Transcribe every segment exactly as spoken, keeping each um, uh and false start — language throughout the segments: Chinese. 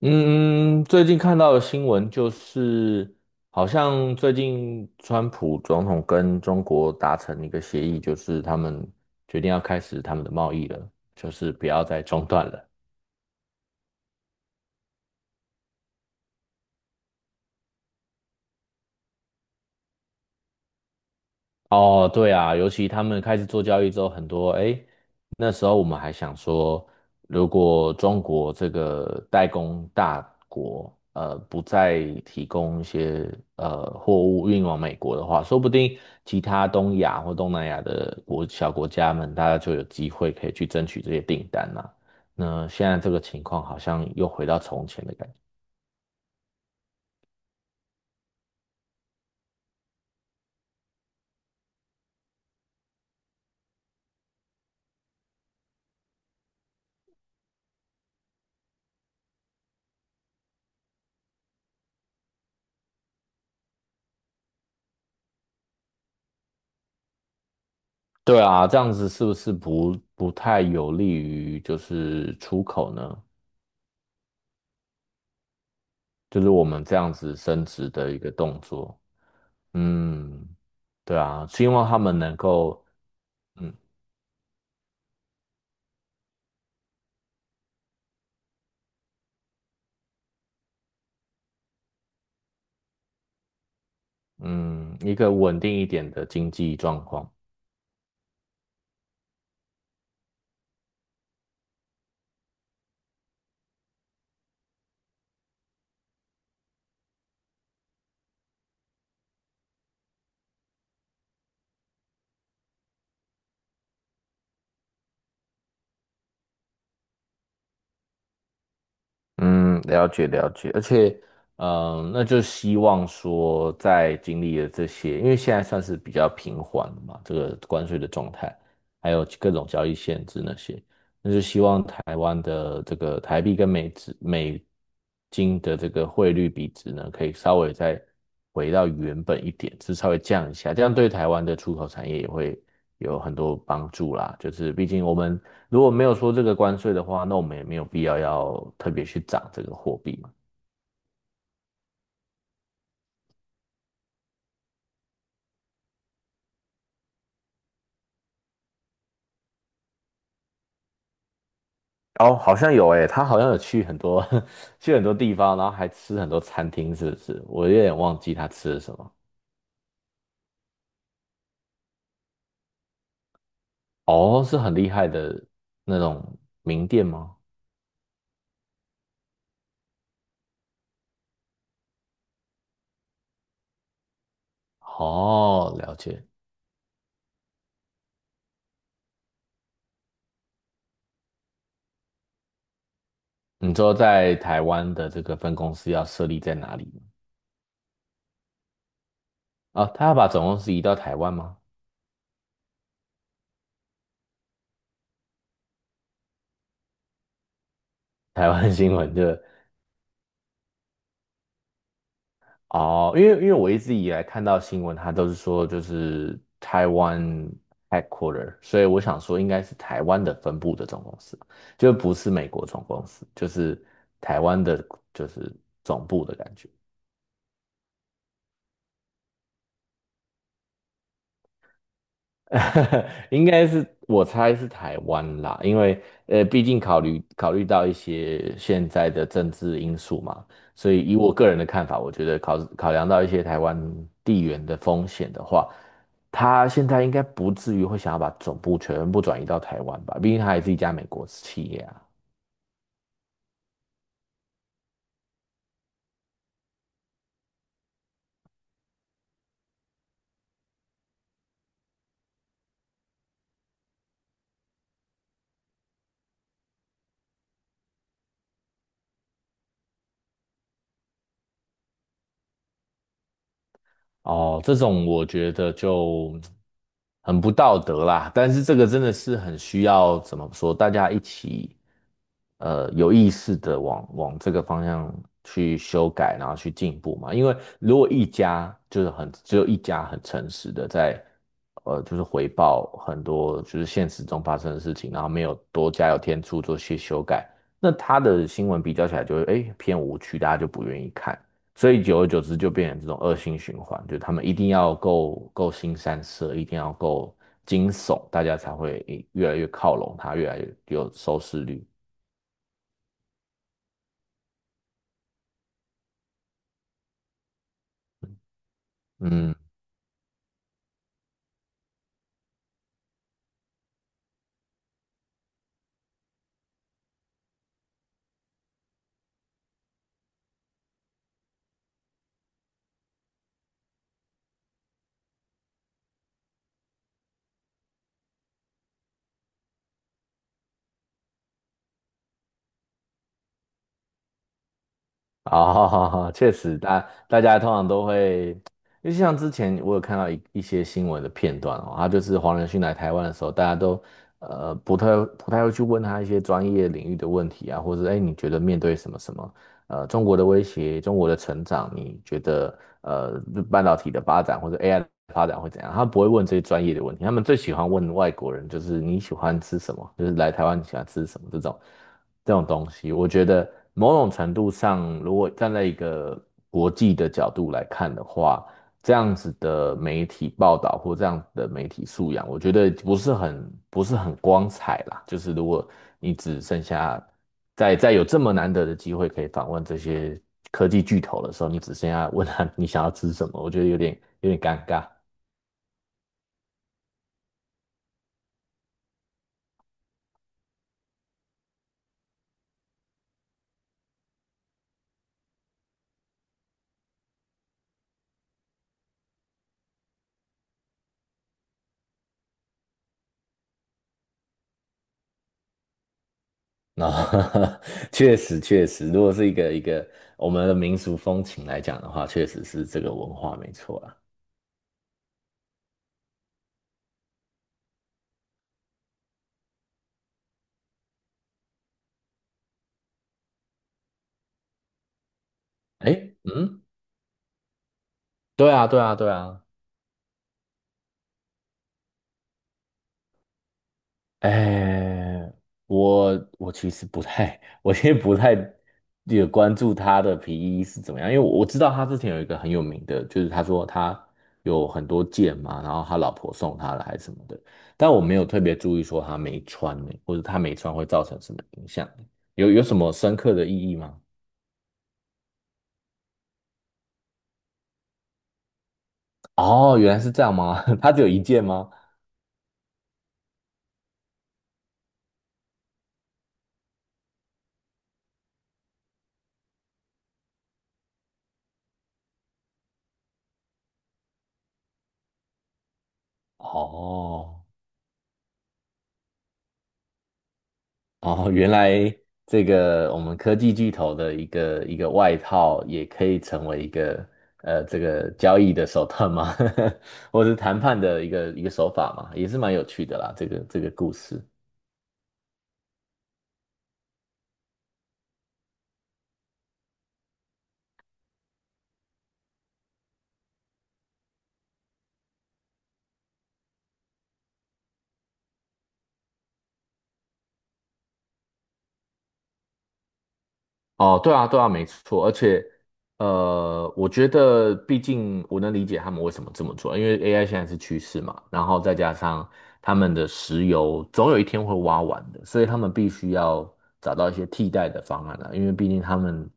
嗯，嗯最近看到的新闻就是，好像最近川普总统跟中国达成一个协议，就是他们决定要开始他们的贸易了，就是不要再中断了。哦，对啊，尤其他们开始做交易之后，很多诶，那时候我们还想说，如果中国这个代工大国，呃，不再提供一些呃货物运往美国的话，说不定其他东亚或东南亚的国小国家们，大家就有机会可以去争取这些订单啦。那现在这个情况好像又回到从前的感觉。对啊，这样子是不是不不太有利于就是出口呢？就是我们这样子升值的一个动作。嗯，对啊，希望他们能够，嗯嗯，一个稳定一点的经济状况。嗯，了解了解，而且，嗯、那就希望说，在经历了这些，因为现在算是比较平缓的嘛，这个关税的状态，还有各种交易限制那些，那就希望台湾的这个台币跟美值，美金的这个汇率比值呢，可以稍微再回到原本一点，是稍微降一下，这样对台湾的出口产业也会有很多帮助啦。就是毕竟我们如果没有说这个关税的话，那我们也没有必要要特别去涨这个货币嘛。哦，好像有诶，他好像有去很多 去很多地方，然后还吃很多餐厅，是不是？我有点忘记他吃了什么。哦，是很厉害的那种名店吗？哦，了解。你说在台湾的这个分公司要设立在哪里吗啊？哦，他要把总公司移到台湾吗？台湾新闻的。哦，因为因为我一直以来看到新闻，他都是说就是台湾 headquarter，所以我想说应该是台湾的分部的总公司，就不是美国总公司，就是台湾的，就是总部的感觉。应该是我猜是台湾啦，因为呃，毕竟考虑考虑到一些现在的政治因素嘛，所以以我个人的看法，我觉得考考量到一些台湾地缘的风险的话，他现在应该不至于会想要把总部全部转移到台湾吧，毕竟他还是一家美国企业啊。哦，这种我觉得就很不道德啦，但是这个真的是很需要怎么说，大家一起呃有意识的往往这个方向去修改，然后去进步嘛。因为如果一家就是很只有一家很诚实的在呃就是回报很多就是现实中发生的事情，然后没有多加油添醋做些修改，那他的新闻比较起来就会诶偏无趣，大家就不愿意看。所以久而久之就变成这种恶性循环，就他们一定要够够新三色，一定要够惊悚，大家才会诶越来越靠拢他，越来越有收视率。嗯，啊，哈，确实，大大家通常都会，因为像之前我有看到一一些新闻的片段哦，他就是黄仁勋来台湾的时候，大家都呃不太不太会去问他一些专业领域的问题啊，或者哎你觉得面对什么什么，呃中国的威胁、中国的成长，你觉得呃半导体的发展或者 A I 的发展会怎样？他不会问这些专业的问题，他们最喜欢问外国人，就是你喜欢吃什么，就是来台湾你喜欢吃什么这种这种东西。我觉得某种程度上，如果站在一个国际的角度来看的话，这样子的媒体报道或这样的媒体素养，我觉得不是很不是很光彩啦。就是如果你只剩下在在有这么难得的机会可以访问这些科技巨头的时候，你只剩下问他你想要吃什么，我觉得有点有点尴尬。然 确实确实，如果是一个一个我们的民俗风情来讲的话，确实是这个文化没错啊。哎，嗯，对啊，对啊，对啊。哎，我我其实不太，我其实不太有关注他的皮衣是怎么样，因为我我知道他之前有一个很有名的，就是他说他有很多件嘛，然后他老婆送他的还是什么的，但我没有特别注意说他没穿呢，或者他没穿会造成什么影响，有有什么深刻的意义吗？哦，原来是这样吗？他只有一件吗？哦。哦，原来这个我们科技巨头的一个一个外套，也可以成为一个呃这个交易的手段吗？或者是谈判的一个一个手法嘛，也是蛮有趣的啦。这个这个故事，哦，对啊，对啊，没错，而且，呃，我觉得，毕竟我能理解他们为什么这么做，因为 A I 现在是趋势嘛，然后再加上他们的石油总有一天会挖完的，所以他们必须要找到一些替代的方案啊，因为毕竟他们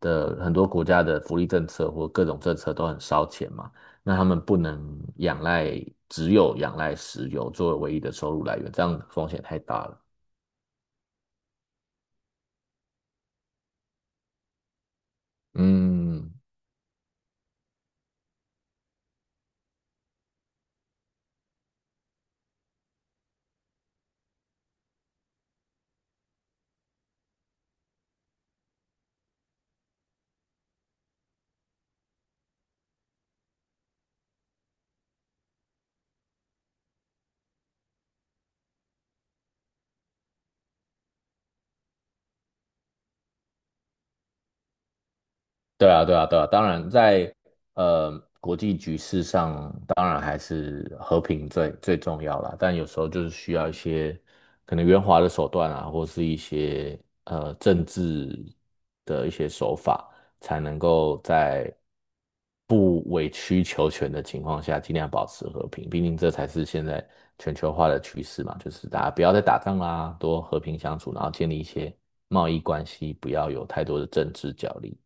的很多国家的福利政策或各种政策都很烧钱嘛，那他们不能仰赖，只有仰赖石油作为唯一的收入来源，这样风险太大了。嗯，对啊，对啊，对啊，当然在呃国际局势上，当然还是和平最最重要啦。但有时候就是需要一些可能圆滑的手段啊，或是一些呃政治的一些手法，才能够在不委曲求全的情况下，尽量保持和平。毕竟这才是现在全球化的趋势嘛，就是大家不要再打仗啦，多和平相处，然后建立一些贸易关系，不要有太多的政治角力。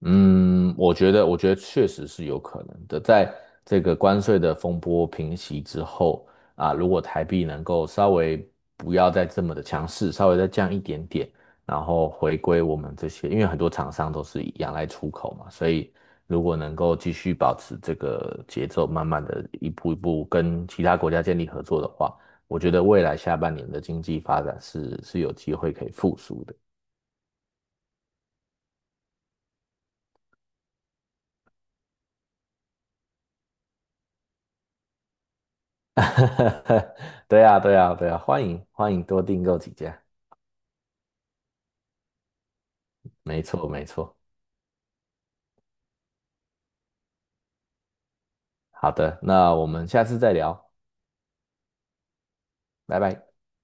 嗯，我觉得，我觉得确实是有可能的。在这个关税的风波平息之后啊，如果台币能够稍微不要再这么的强势，稍微再降一点点，然后回归我们这些，因为很多厂商都是仰赖出口嘛，所以如果能够继续保持这个节奏，慢慢的一步一步跟其他国家建立合作的话，我觉得未来下半年的经济发展是是有机会可以复苏的。对呀，对呀，对呀，欢迎欢迎多订购几家，没错没错。好的，那我们下次再聊，拜拜。